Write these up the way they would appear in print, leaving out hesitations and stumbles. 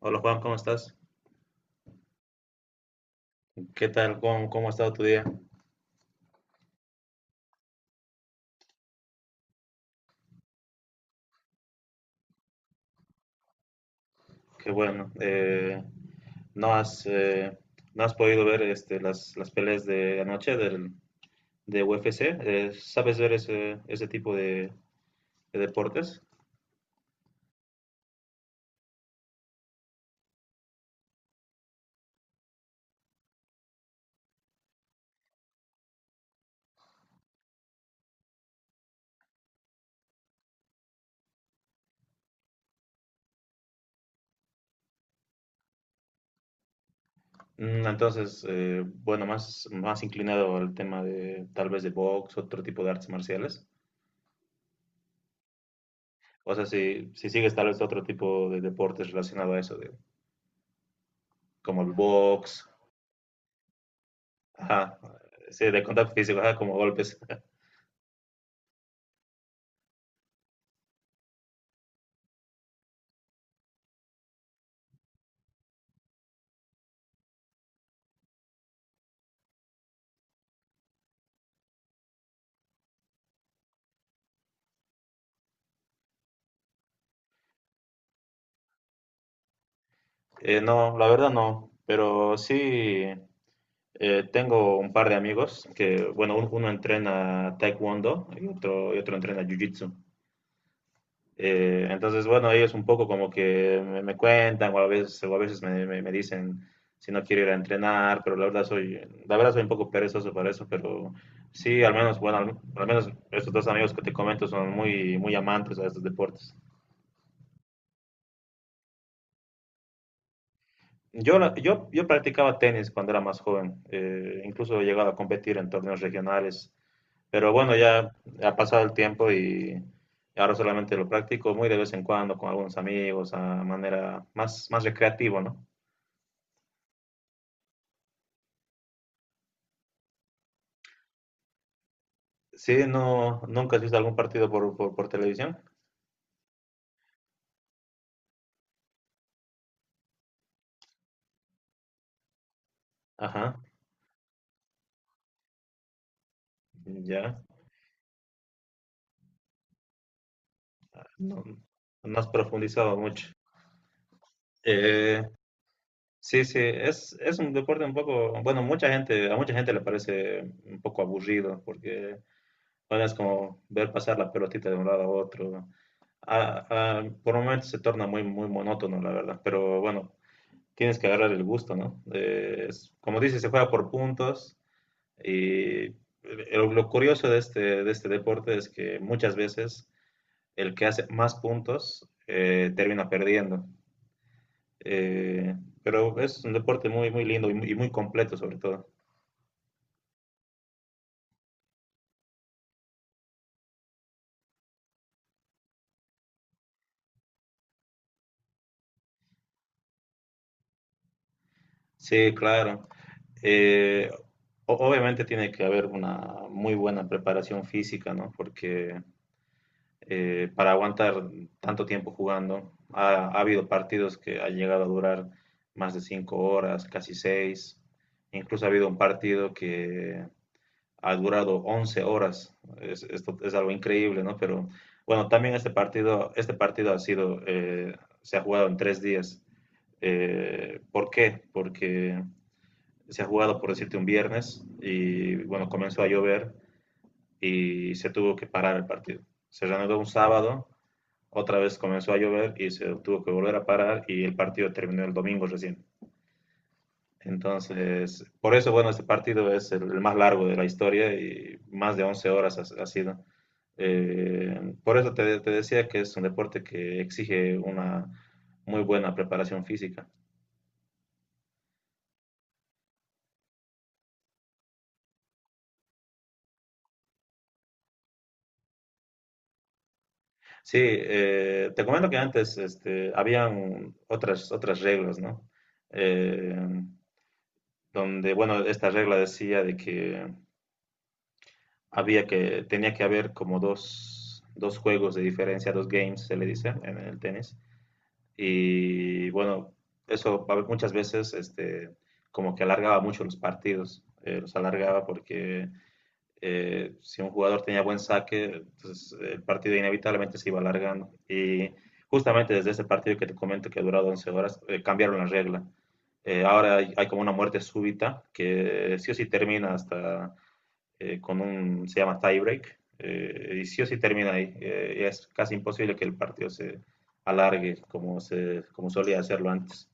Hola Juan, ¿cómo estás? ¿Qué tal? ¿Cómo ha estado tu día? Qué bueno. ¿No has, eh, no has podido ver las peleas de anoche de UFC? ¿Sabes ver ese tipo de deportes? Entonces, bueno, más inclinado al tema de tal vez de box, otro tipo de artes marciales. O sea, si sigues tal vez otro tipo de deportes relacionado a eso, como el box. Ajá. Sí, de contacto físico, ajá, como golpes. No, la verdad no, pero sí, tengo un par de amigos que, bueno, uno entrena taekwondo y otro y otro entrena jiu-jitsu. Entonces, bueno, ellos un poco como que me cuentan o a veces me dicen si no quiero ir a entrenar, pero la verdad soy un poco perezoso para eso, pero sí, al menos, bueno, al menos estos dos amigos que te comento son muy, muy amantes a estos deportes. Yo practicaba tenis cuando era más joven, incluso he llegado a competir en torneos regionales, pero bueno, ya ha pasado el tiempo y ahora solamente lo practico muy de vez en cuando con algunos amigos, a manera más recreativa, ¿no? Sí, no, ¿nunca has visto algún partido por televisión? Ajá, ya, no, no has profundizado mucho. Eh, sí, sí, es un deporte un poco, bueno, a mucha gente le parece un poco aburrido porque puedes como ver pasar la pelotita de un lado a otro. Por momentos se torna muy, muy monótono, la verdad, pero bueno, tienes que agarrar el gusto, ¿no? Como dices, se juega por puntos y lo curioso de este deporte es que muchas veces el que hace más puntos, termina perdiendo. Eh, pero es un deporte muy, muy lindo y muy completo sobre todo. Sí, claro. Eh, obviamente tiene que haber una muy buena preparación física, ¿no? Porque, para aguantar tanto tiempo jugando, ha habido partidos que han llegado a durar más de 5 horas, casi seis. Incluso ha habido un partido que ha durado 11 horas. Esto es algo increíble, ¿no? Pero bueno, también este partido ha sido, se ha jugado en 3 días. ¿Por qué? Porque se ha jugado, por decirte, un viernes y bueno, comenzó a llover y se tuvo que parar el partido. Se reanudó un sábado, otra vez comenzó a llover y se tuvo que volver a parar y el partido terminó el domingo recién. Entonces, por eso, bueno, este partido es el más largo de la historia y más de 11 horas ha sido. Por eso te decía que es un deporte que exige una muy buena preparación física. Sí, te comento que antes habían otras reglas, ¿no? Eh, Donde, bueno, esta regla decía de que tenía que haber como dos juegos de diferencia, dos games, se le dice en el tenis. Y bueno, eso a ver, muchas veces como que alargaba mucho los partidos, los alargaba porque, si un jugador tenía buen saque, entonces el partido inevitablemente se iba alargando. Y justamente desde ese partido que te comento que ha durado 11 horas, cambiaron la regla. Ahora como una muerte súbita que sí o sí termina hasta se llama tiebreak, y sí o sí termina ahí. Y es casi imposible que el partido se alargue como solía hacerlo antes.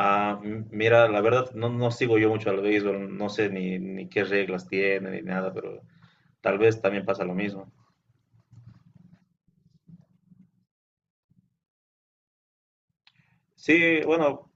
Ah, mira, la verdad no, sigo yo mucho al béisbol, no sé ni qué reglas tiene ni nada, pero tal vez también pasa lo mismo. Sí, bueno,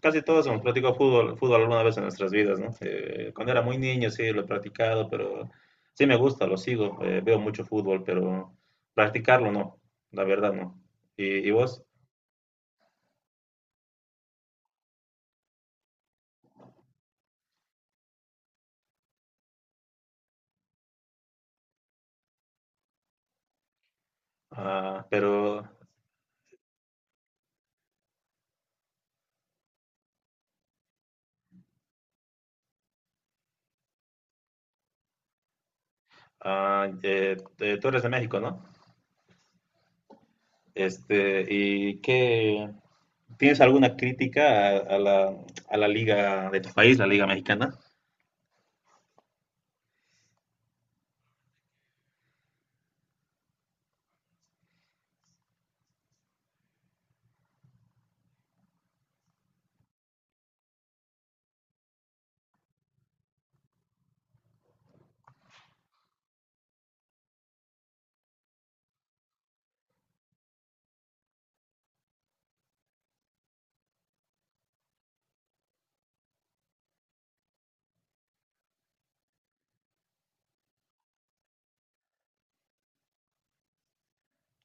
casi todos hemos practicado fútbol alguna vez en nuestras vidas, ¿no? Cuando era muy niño sí lo he practicado, pero sí me gusta, lo sigo, veo mucho fútbol, pero practicarlo no, la verdad no. ¿Y vos? Ah, pero tú eres de México, ¿no? ¿Y qué? ¿Tienes alguna crítica a, a la liga de tu país, la liga mexicana?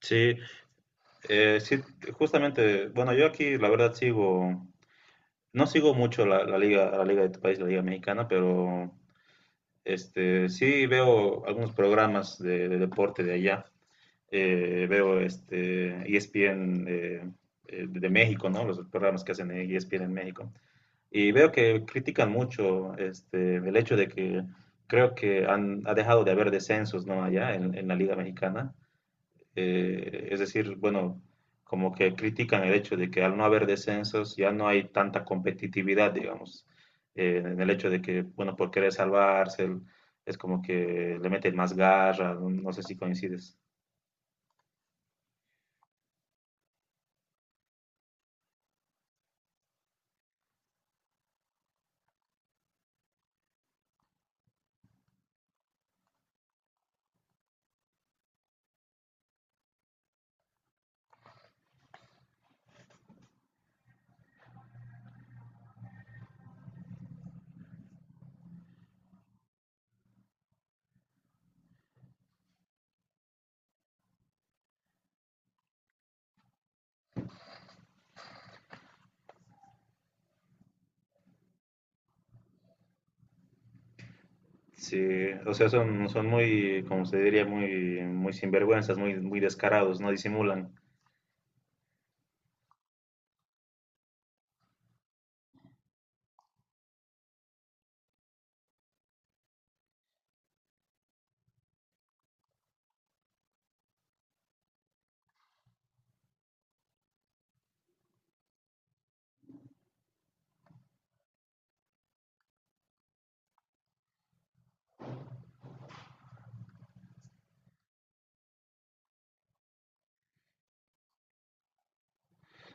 Sí, sí, justamente, bueno, yo aquí la verdad no sigo mucho la liga de tu país, la liga mexicana, pero sí veo algunos programas de deporte de allá. Veo este ESPN , de México, ¿no? Los programas que hacen en ESPN en México. Y veo que critican mucho el hecho de que creo que ha dejado de haber descensos, ¿no? Allá en la Liga Mexicana. Es decir, bueno, como que critican el hecho de que al no haber descensos ya no hay tanta competitividad, digamos, en el hecho de que, bueno, por querer salvarse, es como que le meten más garra, no sé si coincides. Sí, o sea, son muy, como se diría, muy, muy sinvergüenzas, muy, muy descarados, no disimulan.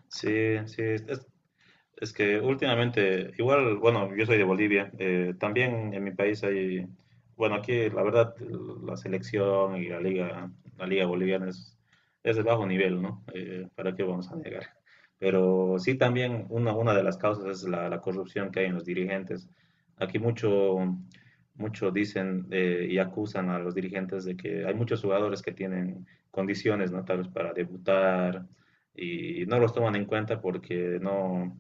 Sí, sí, es que últimamente, igual, bueno, yo soy de Bolivia, también en mi país hay, bueno, aquí la verdad la selección y la liga boliviana es de bajo nivel, ¿no? ¿Para qué vamos a negar? Pero sí también una de las causas es la corrupción que hay en los dirigentes. Aquí mucho dicen, y acusan a los dirigentes de que hay muchos jugadores que tienen condiciones, ¿no? Tal vez para debutar y no los toman en cuenta porque no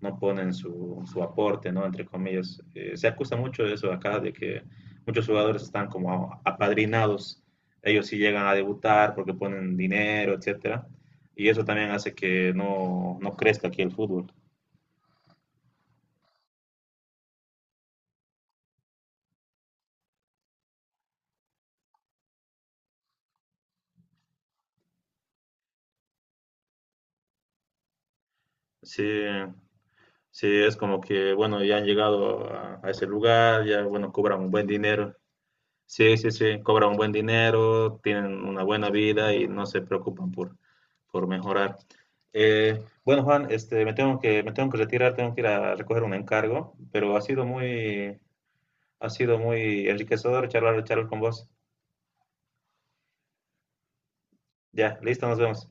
no ponen su aporte, ¿no? Entre comillas. Se acusa mucho de eso acá, de que muchos jugadores están como apadrinados. Ellos sí llegan a debutar porque ponen dinero, etcétera. Y eso también hace que no crezca aquí el fútbol. Sí, sí, es como que, bueno, ya han llegado a ese lugar, ya, bueno, cobran un buen dinero. Sí, sí, sí, cobran un buen dinero, tienen una buena vida y no se preocupan por mejorar. Bueno, Juan, me tengo que retirar, tengo que ir a recoger un encargo, pero ha sido muy enriquecedor charlar con vos. Ya, listo, nos vemos.